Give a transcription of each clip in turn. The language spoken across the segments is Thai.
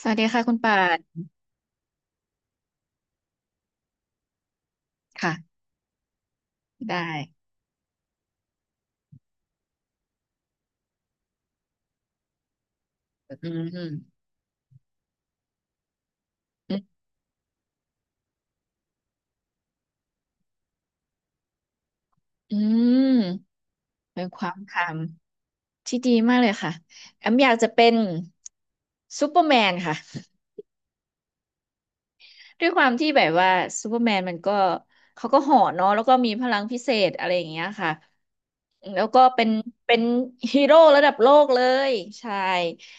สวัสดีค่ะคุณป่านค่ะได้อืมอืมอืมเป็นความคำที่ดีมากเลยค่ะแอมอยากจะเป็นซูเปอร์แมนค่ะด้วยความที่แบบว่าซูเปอร์แมนมันก็เขาก็เห่อเนาะแล้วก็มีพลังพิเศษอะไรอย่างเงี้ยค่ะแล้วก็เป็นฮีโร่ระดับโลกเลยใช่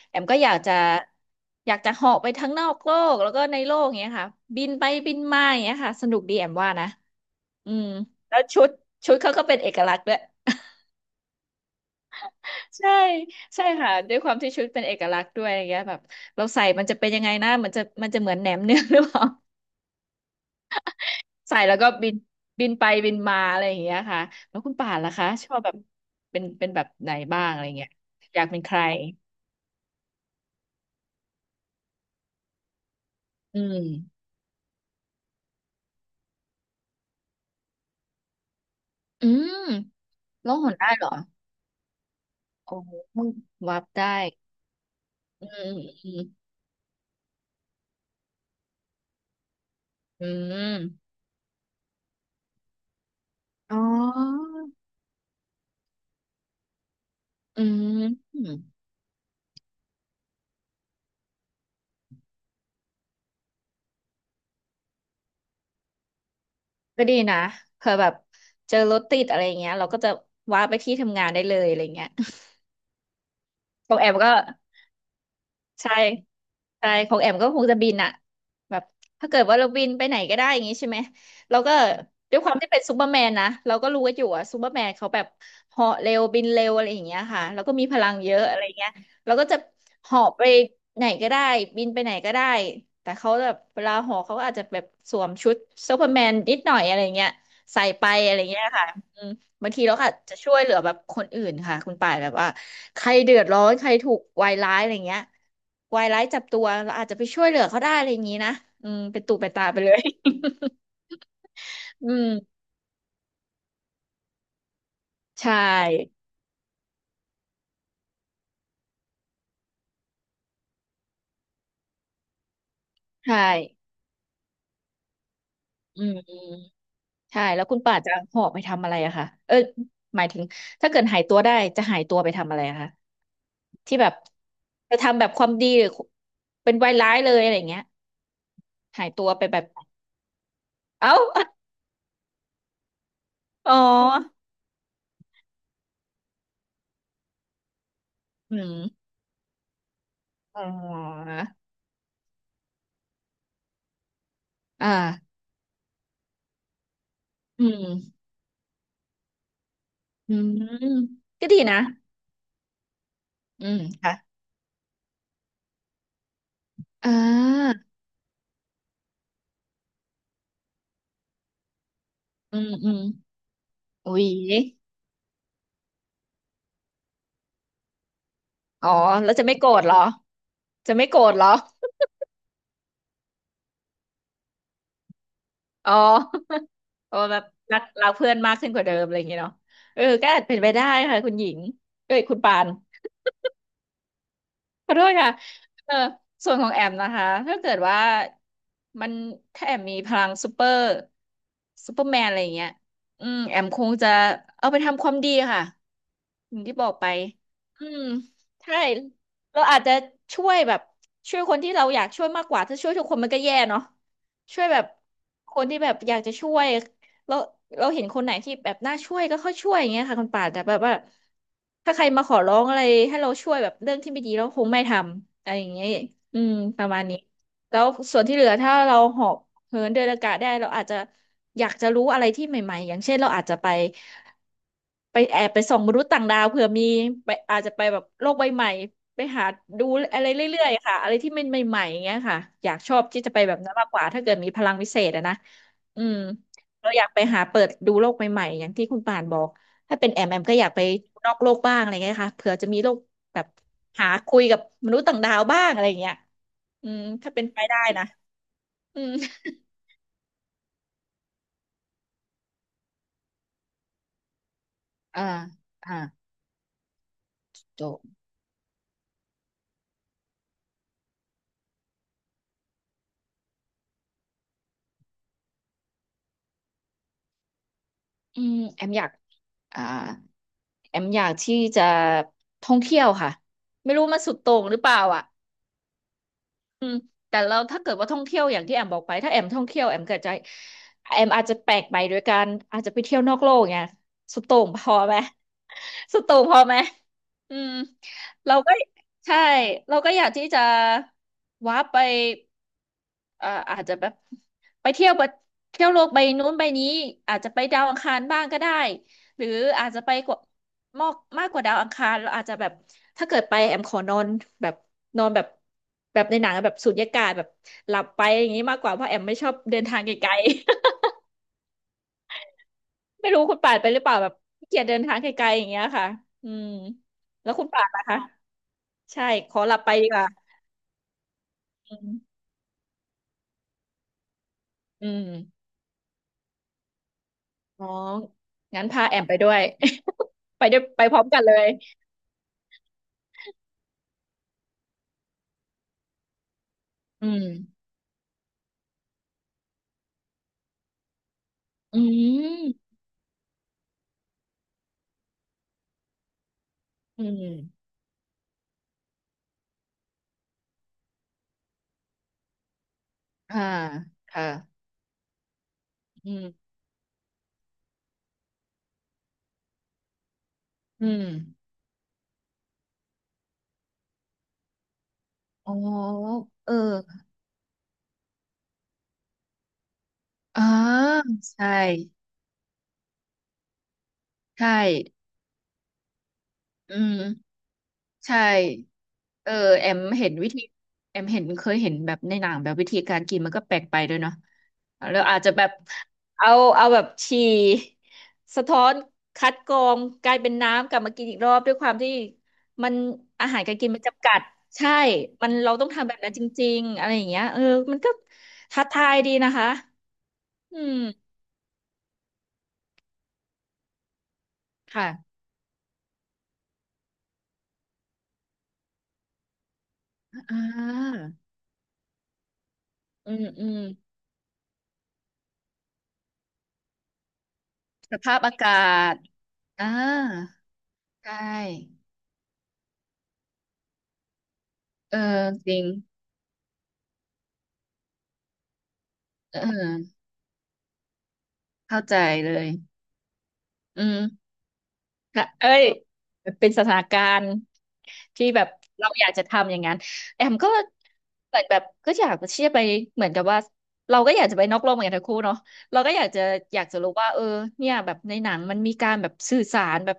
แอมก็อยากจะเหาะไปทั้งนอกโลกแล้วก็ในโลกอย่างเงี้ยค่ะบินไปบินมาอย่างเงี้ยค่ะสนุกดีแอมว่านะ อืมแล้วชุดเขาก็เป็นเอกลักษณ์ด้วย ใช่ใช่ค่ะด้วยความที่ชุดเป็นเอกลักษณ์ด้วยอะไรเงี้ยแบบเราใส่มันจะเป็นยังไงนะมันจะเหมือนแหนมเนืองหรือเปล่า ใส่แล้วก็บินบินไปบินมาอะไรอย่างเงี้ยค่ะแล้วคุณป่านล่ะคะชอบแบบเป็นแบบไหนบ้างอะไรเงี้ยอยากเป็นใครอืมอืมร้องหนได้เหรอโอ้วับได้อืมอืมอืมอืมอ๋ออืม ก็ดีนะเผื่อแบบเจอรถติดอะไรเงี้ยเราก็จะว้าไปที่ทำงานได้เลยอะไรเงี้ยของแอมก็ ใช่ใช่ของแอมก็คงจะบินอะแบบถ้าเกิดว่าเราบินไปไหนก็ได้อย่างงี้ใช่ไหมเราก็ด้วยความที่เป็นซูเปอร์แมนนะเราก็รู้กันอยู่อะซูเปอร์แมนเขาแบบเหาะเร็วบินเร็วอะไรอย่างเงี้ยค่ะแล้วก็มีพลังเยอะอะไรเงี้ยเราก็จะเหาะไปไหนก็ได้บินไปไหนก็ได้แต่เขาแบบเวลาเหาะเขาก็อาจจะแบบสวมชุดซูเปอร์แมนนิดหน่อยอะไรเงี้ยใส่ไปอะไรเงี้ยค่ะ บางทีเราก็อาจจะช่วยเหลือแบบคนอื่นค่ะคุณป่านแบบว่าใครเดือดร้อนใครถูกวายร้ายอะไรเงี้ยวายร้ายจับตัวเราอาจจะไปช่วยเหลือเขาได้อะไรอย่างนี้นะอืมเป็นตุเป็นตาไปเลย อืมใช่ใช่อืมอืมใช่แล้วคุณป่าจะหอบไปทำอะไรอะคะเออหมายถึงถ้าเกิดหายตัวได้จะหายตัวไปทำอะไรอะคะที่แบบจะทำแบบความดีหรือเป็นวายร้ายเลยอะไรอย่างเงี้ยหายตัวไปแบบเอ้า อ๋ออืมอ๋อ อ่าอืมอืมก็ดีนะ อืมค่ะอ่าอืมอืมอุ๊ยอ๋อแล้วจะไม่โกรธเหรอ จะไม่โกรธเหรออ๋อ อ๋อแบบรักเพื่อนมากขึ้นกว่าเดิมอะไรอย่างเงี้ยเนาะเออก็อาจเป็นไปได้ค่ะคุณหญิงเอ้ยคุณปานขอโทษค่ะเออส่วนของแอมนะคะถ้าเกิดว่ามันถ้าแอมมีพลังซูเปอร์แมนอะไรอย่างเงี้ยอืม แอมคงจะเอาไปทำความดีค่ะ อย่างที่บอกไปอืมใช่เราอาจจะช่วยแบบช่วยคนที่เราอยากช่วยมากกว่าถ้าช่วยทุกคนมันก็แย่เนาะช่วยแบบคนที่แบบอยากจะช่วยแล้วเราเห็นคนไหนที่แบบน่าช่วยก็ค่อยช่วยอย่างเงี้ยค่ะคุณป่านแต่แบบว่าถ้าใครมาขอร้องอะไรให้เราช่วยแบบเรื่องที่ไม่ดีเราคงไม่ทำอะไรอย่างเงี้ยอืมประมาณนี้แล้วส่วนที่เหลือถ้าเราหอบ เหินเดินอากาศได้เราอาจจะอยากจะรู้อะไรที่ใหม่ๆอย่างเช่นเราอาจจะไปแอบไปส่องมนุษย์ต่างดาวเผื่อมีไปอาจจะไปแบบโลกใบใหม่ไปหาดูอะไรเรื่อยๆค่ะอะไรที่มันใหม่ๆอย่างเงี้ยค่ะอยากชอบที่จะไปแบบนั้นมากกว่าถ้าเกิดมีพลังวิเศษอะนะอืมเราอยากไปหาเปิดดูโลกใหม่ๆอย่างที่คุณป่านบอกถ้าเป็นแอมแอมก็อยากไปนอกโลกบ้างอะไรเงี้ยค่ะเผื่อจะมีโลกแบบหาคุยกับมนุษย์ต่างดาวบ้างอะไรเงี้ยอืมถ้าเป็นไปได้นะอืม อ่าอ่าจบอืมแอมอยากอ่าแอมอยากที่จะท่องเที่ยวค่ะไม่รู้มันสุดโต่งหรือเปล่าอ่ะอืมแต่เราถ้าเกิดว่าท่องเที่ยวอย่างที่แอมบอกไปถ้าแอมท่องเที่ยวแอมเกิดใจแอมอาจจะแปลกไปโดยการอาจจะไปเที่ยวนอกโลกไงสุดโต่งพอไหม สุดโต่งพอไหมอืมเราก็ใช่เราก็อยากที่จะว้าร์ปไป อาจจะแบบไปเที่ยวประเที่ยวโลกใบนู้นใบนี้อาจจะไปดาวอังคารบ้างก็ได้หรืออาจจะไปกว่ามากมากกว่าดาวอังคารเราอาจจะแบบถ้าเกิดไปแอมขอนอนแบบนอนแบบแบบในหนังอะแบบสูญญากาศแบบหลับไปอย่างนี้มากกว่าเพราะแอมไม่ชอบเดินทางไกลๆ ไม่รู้คุณป่านไปหรือเปล่าแบบขี้เกียจเดินทางไกลๆอย่างเงี้ยค่ะอืมแล้วคุณป่านล่ะคะใช่ขอหลับไปดีกว่าอืมอืมอ๋องั้นพาแอมไปด้วย ไปด้วยไปพร้อมกันเลย อืมอืมอืมอ่าค่ะอืมอืมอ๋อเอออ่าใช่ใช่อืมใช่ เออแอมเห็นวิธีแอมเห็นเคยเห็นแบบในหนังแบบวิธีการกินมันก็แปลกไปด้วยเนาะแล้วอาจจะแบบเอาเอาแบบฉี่สะท้อนคัดกรองกลายเป็นน้ำกลับมากินอีกรอบด้วยความที่มันอาหารการกินมันจำกัดใช่มันเราต้องทำแบบนั้นจริงๆอะไรอย่างเงี้ยเออมันก็ท้าทายดีนะคะอืมค่ะอ่าอืมอืมสภาพอากาศอ่าใช่เออจริงเออ เข้าใจเลยอืม ค่ะเอ้ย เป็นสถานการณ์ที่แบบเราอยากจะทำอย่างนั้นแอมก็เหมือนแบบก็อยากจะเชี่ยร์ไปเหมือนกับว่าเราก็อยากจะไปนอกโลกเหมือนกันทั้งคู่เนาะเราก็อยากจะอยากจะรู้ว่าเออเนี่ยแบบในหนังมันมีการแบบสื่อสารแบบ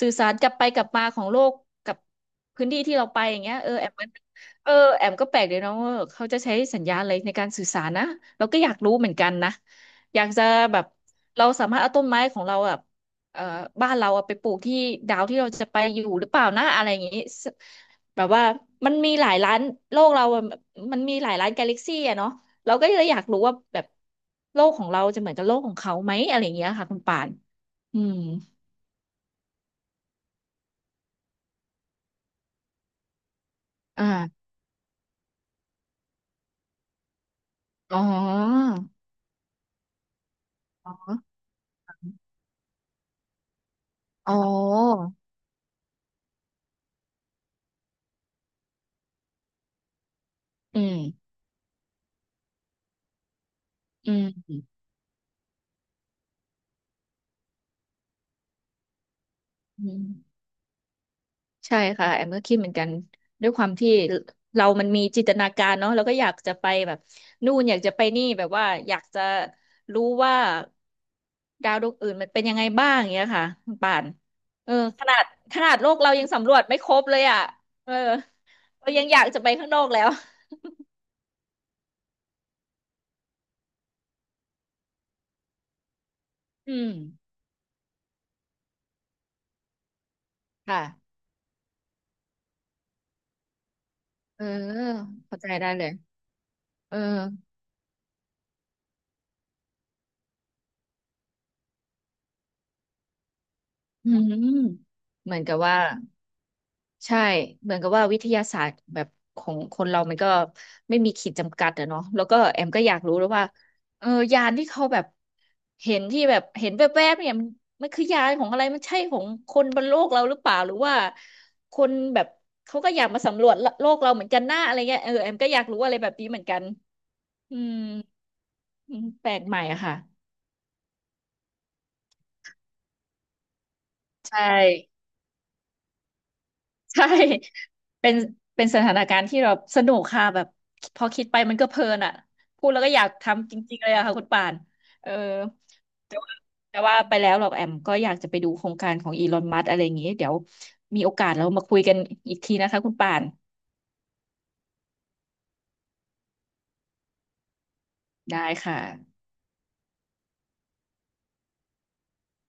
สื่อสารกลับไปกลับมาของโลกกับพื้นที่ที่เราไปอย่างเงี้ยเออแอมมันเออแอมก็แปลกเลยเนาะว่าเขาจะใช้สัญญาณอะไรในการสื่อสารนะเราก็อยากรู้เหมือนกันนะอยากจะแบบเราสามารถเอาต้นไม้ของเราอะ เอ่อบ้านเราอะไปปลูกที่ดาวที่เราจะไปอยู่หรือเปล่านะอะไรอย่างงี้สแบบว่ามันมีหลายร้านโลกเราอะมันมีหลายร้านกาแล็กซี่อะเนาะเราก็เลยอยากรู้ว่าแบบโลกของเราจะเหมือนกับโลกของเขาไหมอะไรอย่างเงี้ยค่ะคุณป่านอืมอ่าอ๋ออ๋ออ๋ออืมอืมอืม ใช่ค่ะแอมก็คิดเหมือนกันด้วยความที่เรามันมีจินตนาการเนาะเราก็อยากจะไปแบบนู่นอยากจะไปนี่แบบว่าอยากจะรู้ว่าดาวดวงอื่นมันเป็นยังไงบ้างอย่างเงี้ยค่ะคุณป่านเออขนาดขนาดโลกเรายังสำรวจไม่ครบเลยอ่ะเออเรายังอยากจะไปข้างนอกแล้วอืมค่ะเออเข้าใจได้เลยเอออืมเหมือนกับว่า ใช่เหมือนกับว่าวิทยาศาสตร์แบบของคนเรามันก็ไม่มีขีดจำกัดอะเนาะแล้วก็แอมก็อยากรู้แล้วว่าเออยานที่เขาแบบเห็นที่แบบเห็นแวบๆเนี่ยมันมันคือยานของอะไรมันใช่ของคนบนโลกเราหรือเปล่าหรือว่าคนแบบเขาก็อยากมาสำรวจโลกเราเหมือนกันหน้าอะไรเงี้ยเออแอมก็อยากรู้อะไรแบบนี้เหมือนกันอืมอืมแปลกใหม่อะค่ะใช่ ใช่เป็นเป็นสถานการณ์ที่เราสนุกค่ะแบบพอคิดไปมันก็เพลินอ่ะพูดแล้วก็อยากทำจริงๆเลยอะค่ะคุณป่านเออแต่ว่าแต่ว่าไปแล้วหรอกแอมก็อยากจะไปดูโครงการของอีลอนมัสอะไรอย่างงี้เดี๋ยวมีโอกาสเรามาคุยกันอีกทีนะคะคุณป่านได้ค่ะ